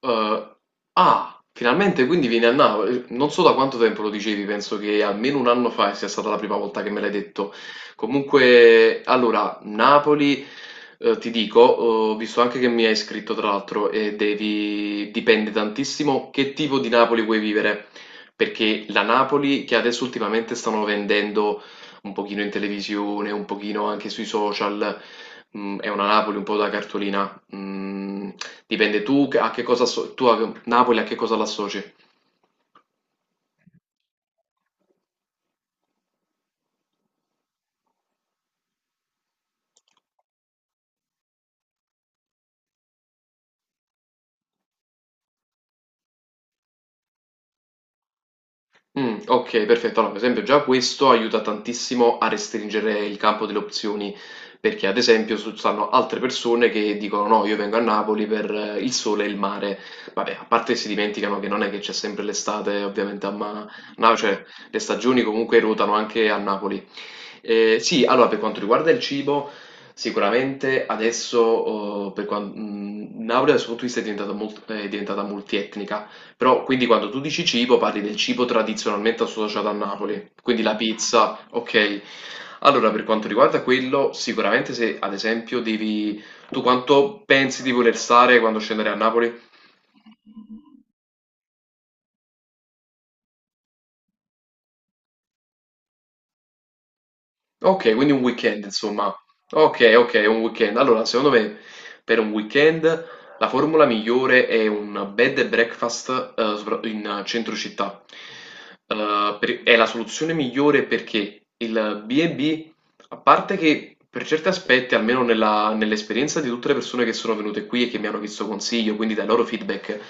Uhm, ah, finalmente quindi vieni a Napoli. Non so da quanto tempo lo dicevi, penso che almeno un anno fa sia stata la prima volta che me l'hai detto. Comunque, allora, Napoli, ti dico, ho visto anche che mi hai scritto tra l'altro e dipende tantissimo che tipo di Napoli vuoi vivere, perché la Napoli che adesso ultimamente stanno vendendo un pochino in televisione, un pochino anche sui social, è una Napoli un po' da cartolina. Mm, Dipende a che cosa asso- tu a Napoli a che cosa l'associ? Okay, perfetto. Allora, per esempio già questo aiuta tantissimo a restringere il campo delle opzioni, perché ad esempio su stanno altre persone che dicono: "No, io vengo a Napoli per il sole e il mare". Vabbè, a parte si dimenticano che non è che c'è sempre l'estate ovviamente a ma no, cioè le stagioni comunque ruotano anche a Napoli. Sì, allora per quanto riguarda il cibo, sicuramente adesso, Napoli da 'sto punto di vista è diventata multietnica. Però quindi quando tu dici cibo, parli del cibo tradizionalmente associato a Napoli, quindi la pizza, ok. Allora, per quanto riguarda quello, sicuramente se ad esempio tu quanto pensi di voler stare quando scendere a Napoli? Ok, quindi un weekend, insomma. Ok, ok, un weekend. Allora, secondo me, per un weekend la formula migliore è un bed and breakfast in centro città. È la soluzione migliore perché il B&B, a parte che per certi aspetti, almeno nell'esperienza di tutte le persone che sono venute qui e che mi hanno chiesto consiglio, quindi dai loro feedback,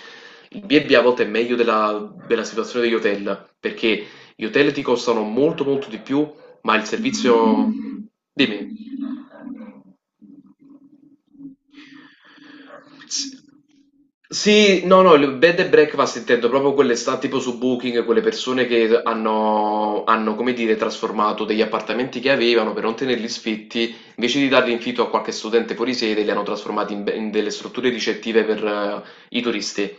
il B&B a volte è meglio della situazione degli hotel, perché gli hotel ti costano molto molto di più ma il servizio. Dimmi. S- Sì, no, no, il bed and breakfast intendo proprio quelle sta tipo su Booking, quelle persone che hanno, come dire, trasformato degli appartamenti che avevano per non tenerli sfitti, invece di darli in affitto a qualche studente fuori sede, li hanno trasformati in, in delle strutture ricettive per i turisti.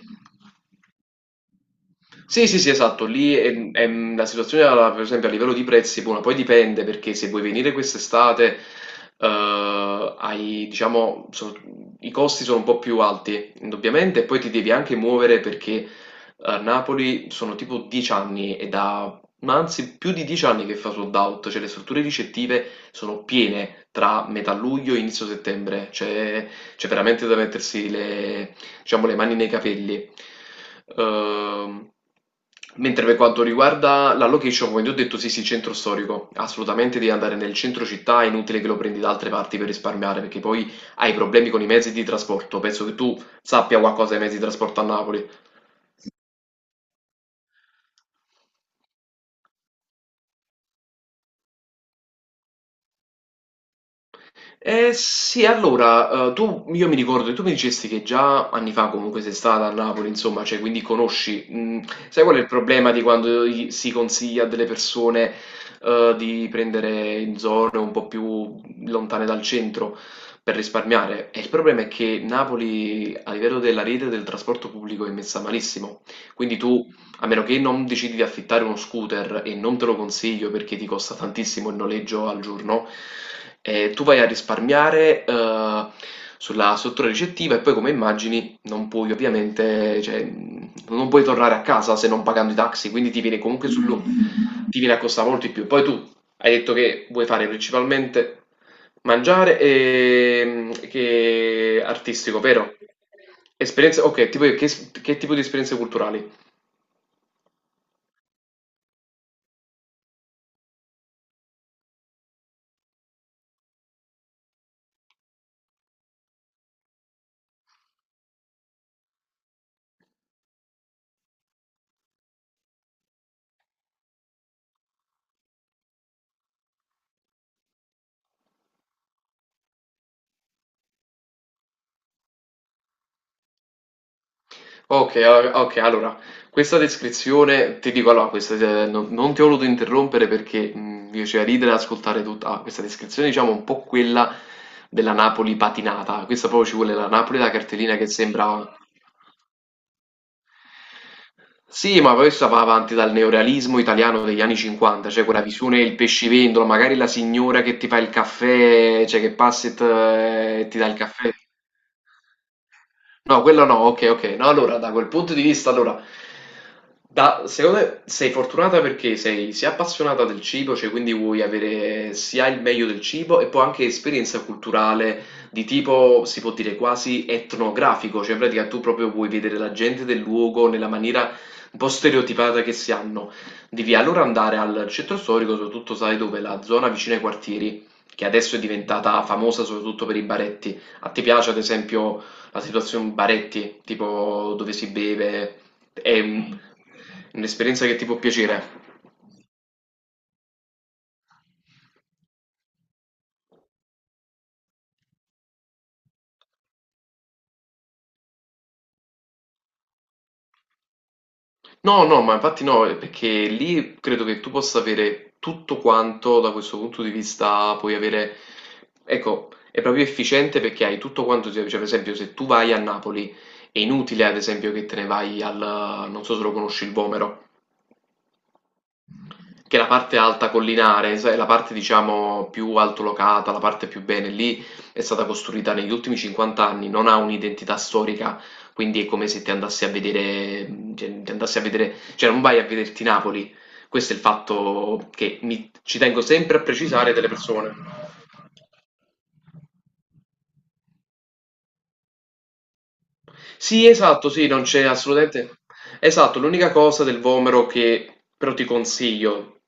Sì, sì, sì, esatto, lì la situazione, per esempio, a livello di prezzi, buona, poi dipende perché se vuoi venire quest'estate, hai, diciamo, i costi sono un po' più alti, indubbiamente, e poi ti devi anche muovere perché a Napoli sono tipo 10 anni ma anzi più di 10 anni che fa sold out, cioè le strutture ricettive sono piene tra metà luglio e inizio settembre, cioè c'è veramente da mettersi le diciamo, le mani nei capelli. Ehm, Mentre per quanto riguarda la location, come ti ho detto, sì, sì, centro storico, assolutamente devi andare nel centro città, è inutile che lo prendi da altre parti per risparmiare, perché poi hai problemi con i mezzi di trasporto. Penso che tu sappia qualcosa dei mezzi di trasporto a Napoli. Eh sì, allora, io mi ricordo, tu mi dicesti che già anni fa comunque sei stata a Napoli, insomma, cioè, quindi conosci, sai qual è il problema di quando si consiglia a delle persone, di prendere in zone un po' più lontane dal centro per risparmiare? E il problema è che Napoli, a livello della rete del trasporto pubblico, è messa malissimo, quindi tu a meno che non decidi di affittare uno scooter e non te lo consiglio perché ti costa tantissimo il noleggio al giorno, tu vai a risparmiare sulla struttura ricettiva e poi come immagini non puoi ovviamente, cioè, non puoi tornare a casa se non pagando i taxi, quindi ti viene a costare molto di più. Poi tu hai detto che vuoi fare principalmente mangiare e che artistico, vero? Esperienze, ok, tipo che tipo di esperienze culturali? Ok, ok, allora, questa descrizione, ti dico allora, questa, non ti ho voluto interrompere perché mi faceva ridere ad ascoltare tutta questa descrizione, diciamo un po' quella della Napoli patinata, questa proprio ci vuole la Napoli da cartellina che sembra. Sì, ma questa va avanti dal neorealismo italiano degli anni 50, cioè quella visione del pescivendolo, magari la signora che ti fa il caffè, cioè che passa e ti dà il caffè. No, quello no, ok, ok. No, allora, da quel punto di vista, allora, secondo me sei fortunata perché sei sia appassionata del cibo, cioè quindi vuoi avere sia il meglio del cibo e poi anche esperienza culturale di tipo, si può dire, quasi etnografico, cioè in pratica tu proprio vuoi vedere la gente del luogo nella maniera un po' stereotipata che si hanno. Devi allora andare al centro storico, soprattutto sai dove, la zona vicino ai quartieri, che adesso è diventata famosa soprattutto per i baretti. A te piace, ad esempio la situazione baretti, tipo dove si beve, è un'esperienza che ti può piacere. No, no, ma infatti no, perché lì credo che tu possa avere tutto quanto da questo punto di vista, puoi avere, ecco, è proprio efficiente perché hai tutto quanto, cioè per esempio se tu vai a Napoli è inutile ad esempio che te ne vai al, non so se lo conosci, il Vomero. Che è la parte alta collinare, sai, la parte diciamo più altolocata, la parte più bene, lì è stata costruita negli ultimi 50 anni, non ha un'identità storica, quindi è come se ti andassi a vedere, cioè non vai a vederti Napoli. Questo è il fatto che ci tengo sempre a precisare delle persone. Sì, esatto, sì, non c'è assolutamente. Esatto, l'unica cosa del Vomero che però ti consiglio,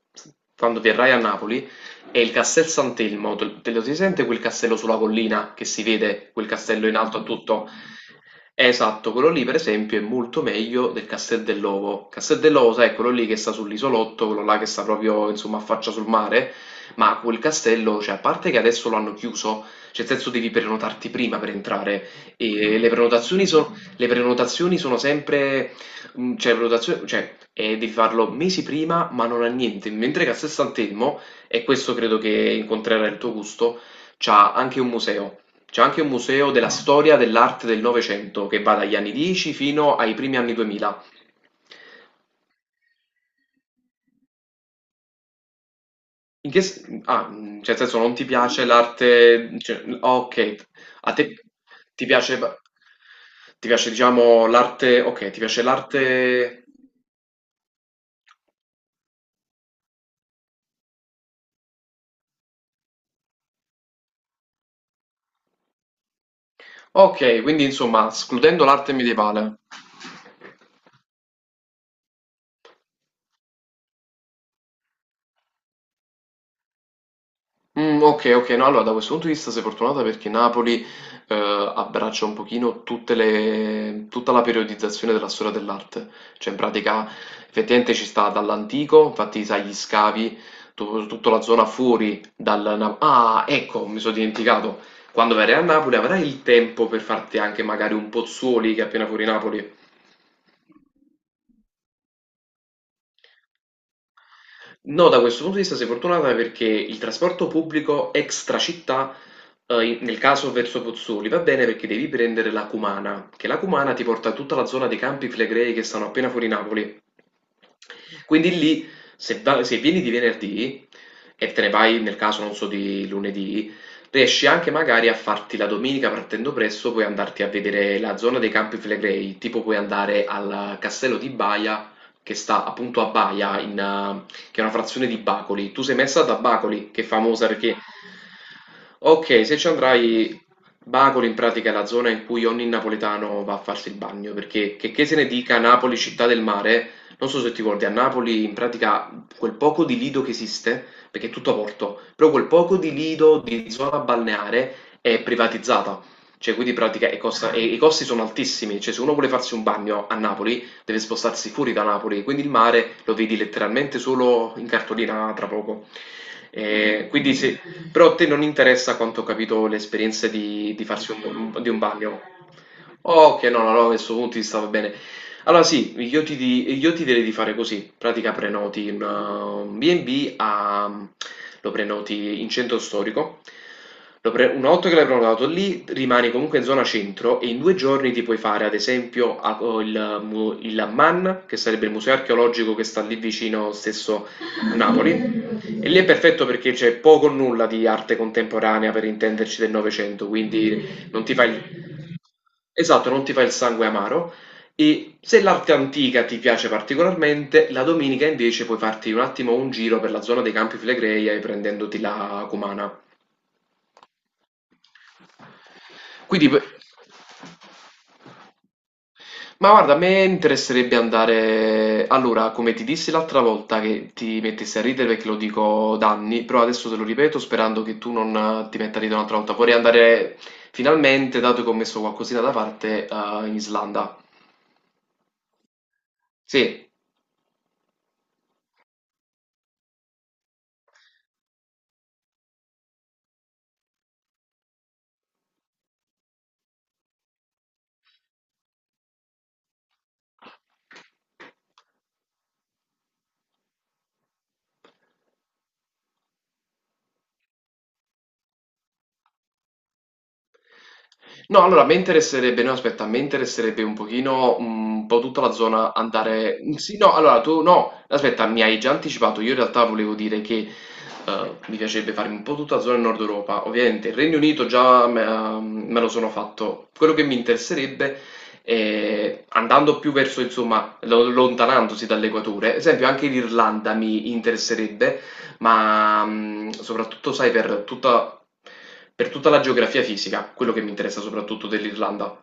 quando verrai a Napoli, è il Castel Sant'Elmo. Te lo si sente quel castello sulla collina, che si vede quel castello in alto a tutto? Esatto, quello lì per esempio è molto meglio del Castel dell'Ovo. Castel dell'Ovo, sai, è quello lì che sta sull'isolotto, quello là che sta proprio, insomma, a faccia sul mare, ma quel castello, cioè, a parte che adesso lo hanno chiuso, cioè, nel senso devi prenotarti prima per entrare, e le prenotazioni, le prenotazioni sono sempre, cioè, prenotazioni, cioè, devi farlo mesi prima, ma non ha niente, mentre Castel Sant'Elmo, e questo credo che incontrerà il tuo gusto, c'ha anche un museo. C'è anche un museo della storia dell'arte del Novecento che va dagli anni 10 fino ai primi anni 2000. Cioè, nel senso, non ti piace l'arte, cioè, ok, a te ti piace, ti piace, diciamo, l'arte, ok, ti piace l'arte, ok, quindi insomma, escludendo l'arte medievale. Mm, ok, ok, no, allora da questo punto di vista sei fortunata perché Napoli abbraccia un pochino tutta la periodizzazione della storia dell'arte, cioè in pratica effettivamente ci sta dall'antico, infatti sai gli scavi, tutta la zona fuori Ah, ecco, mi sono dimenticato, quando verrai a Napoli avrai il tempo per farti anche magari un Pozzuoli che è appena fuori Napoli. No, da questo punto di vista sei fortunata perché il trasporto pubblico extra città, nel caso verso Pozzuoli, va bene perché devi prendere la Cumana, che la Cumana ti porta a tutta la zona dei Campi Flegrei che stanno appena fuori Napoli. Quindi lì, se vieni di venerdì e te ne vai nel caso, non so, di lunedì, riesci anche magari a farti la domenica partendo presto, puoi andarti a vedere la zona dei Campi Flegrei, tipo puoi andare al castello di Baia che sta appunto a Baia in, che è una frazione di Bacoli. Tu sei messa da Bacoli, che è famosa perché Ok, se ci andrai, Bacoli in pratica è la zona in cui ogni napoletano va a farsi il bagno, perché checché se ne dica Napoli città del mare, non so se ti ricordi, a Napoli in pratica quel poco di lido che esiste, perché è tutto a porto, però quel poco di lido di zona balneare è privatizzata, cioè quindi in pratica e i costi sono altissimi, cioè se uno vuole farsi un bagno a Napoli deve spostarsi fuori da Napoli, quindi il mare lo vedi letteralmente solo in cartolina tra poco. Quindi se, però a te non interessa, a quanto ho capito, l'esperienza di farsi di un bagno. Ok, no, no, no, questo punto di vista va bene. Allora sì, io ti direi di fare così, pratica prenoti un B&B, lo prenoti in centro storico. Una volta che l'hai prenotato lì rimani comunque in zona centro e in 2 giorni ti puoi fare ad esempio il MAN, che sarebbe il museo archeologico che sta lì vicino stesso a Napoli, e lì è perfetto perché c'è poco o nulla di arte contemporanea, per intenderci, del Novecento, quindi non ti fai... Esatto, non ti fa il sangue amaro. E se l'arte antica ti piace particolarmente, la domenica invece puoi farti un attimo un giro per la zona dei Campi Flegrei prendendoti la Cumana. Quindi, p- ma guarda, a me interesserebbe andare. Allora, come ti dissi l'altra volta che ti mettessi a ridere perché lo dico da anni, però adesso te lo ripeto sperando che tu non ti metta a ridere un'altra volta. Vorrei andare finalmente, dato che ho messo qualcosina da parte, in Islanda. Sì. No, allora a me interesserebbe no, aspetta, a me interesserebbe un pochino, un po' tutta la zona andare sì, no, allora tu no, aspetta, mi hai già anticipato, io in realtà volevo dire che, mi piacerebbe farmi un po' tutta la zona Nord Europa. Ovviamente il Regno Unito già me me lo sono fatto. Quello che mi interesserebbe è andando più verso, insomma, lo lontanandosi dall'equatore, ad esempio anche l'Irlanda mi interesserebbe, ma soprattutto sai per tutta la geografia fisica, quello che mi interessa soprattutto dell'Irlanda.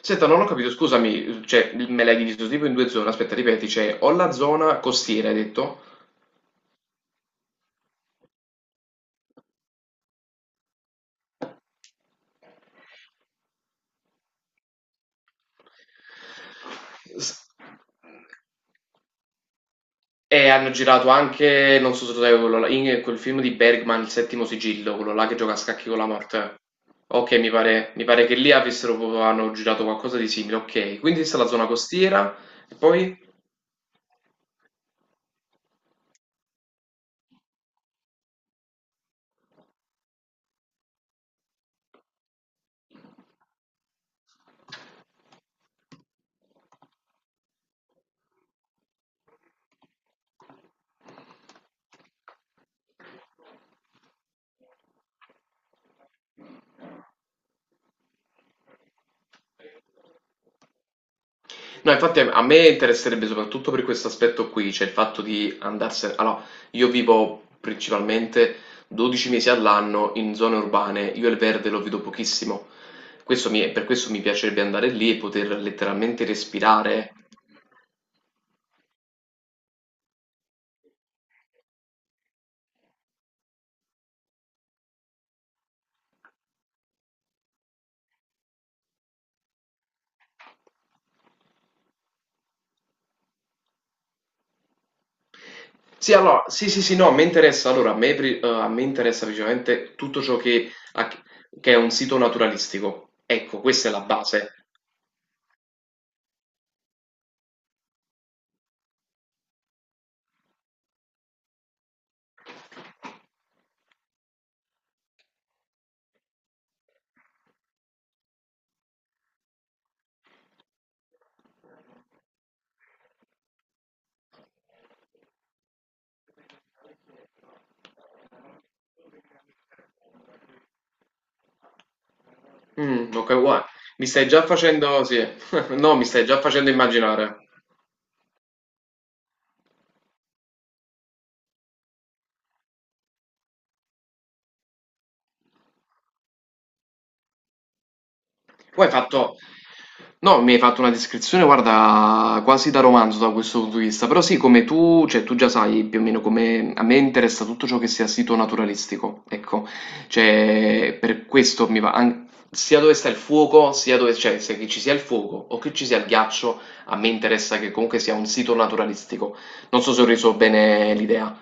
Senta, non ho capito, scusami, cioè me l'hai diviso tipo in due zone, aspetta, ripeti, cioè ho la zona costiera, hai detto? S- E hanno girato anche, non so se lo sai, in quel film di Bergman, Il settimo sigillo, quello là che gioca a scacchi con la morte. Ok, mi pare, hanno girato qualcosa di simile, ok. Quindi questa è la zona costiera, e poi? No, infatti a me interesserebbe soprattutto per questo aspetto qui, cioè il fatto di andarsene... Allora, io vivo principalmente 12 mesi all'anno in zone urbane, io il verde lo vedo pochissimo, per questo mi piacerebbe andare lì e poter letteralmente respirare. Sì, allora, sì, sì, sì, no, mi interessa, allora, a me interessa principalmente tutto ciò che è un sito naturalistico. Ecco, questa è la base. Mm, ok, guarda, mi stai già facendo, sì, no, mi stai già facendo immaginare. Poi hai fatto, no, mi hai fatto una descrizione, guarda, quasi da romanzo da questo punto di vista, però sì, come tu, cioè tu già sai più o meno come a me interessa tutto ciò che sia sito naturalistico, ecco, cioè per questo mi va, sia dove sta il fuoco, sia dove, cioè se che ci sia il fuoco o che ci sia il ghiaccio, a me interessa che comunque sia un sito naturalistico, non so se ho reso bene l'idea,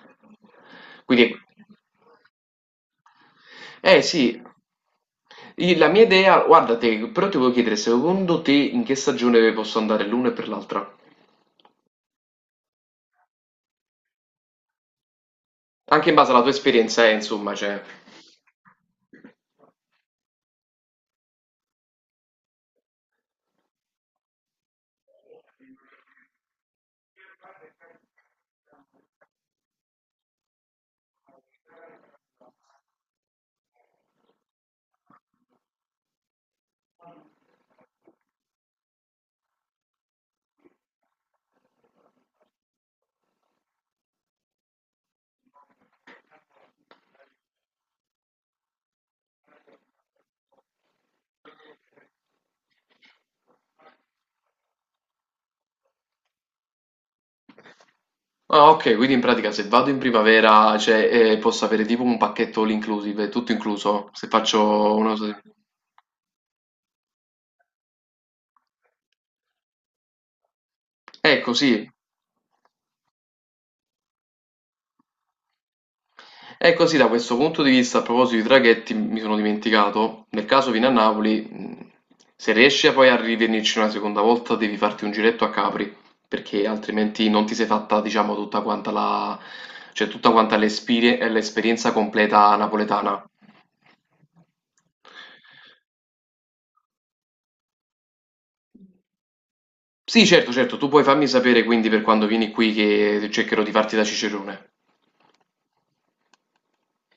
quindi, eh sì, la mia idea, guarda te, però ti volevo chiedere secondo te in che stagione posso andare l'una e per l'altra? Anche in base alla tua esperienza, insomma, cioè. Ah, ok, quindi in pratica se vado in primavera, cioè, posso avere tipo un pacchetto all inclusive, tutto incluso, se faccio una cosa... Ecco, sì. E così da questo punto di vista, a proposito di traghetti, mi sono dimenticato, nel caso vieni a Napoli, se riesci a poi a rivenirci una seconda volta, devi farti un giretto a Capri, perché altrimenti non ti sei fatta, diciamo, tutta quanta la, cioè tutta quanta l'esperienza completa napoletana. Sì, certo, certo, tu puoi farmi sapere quindi per quando vieni qui che cercherò di farti da cicerone.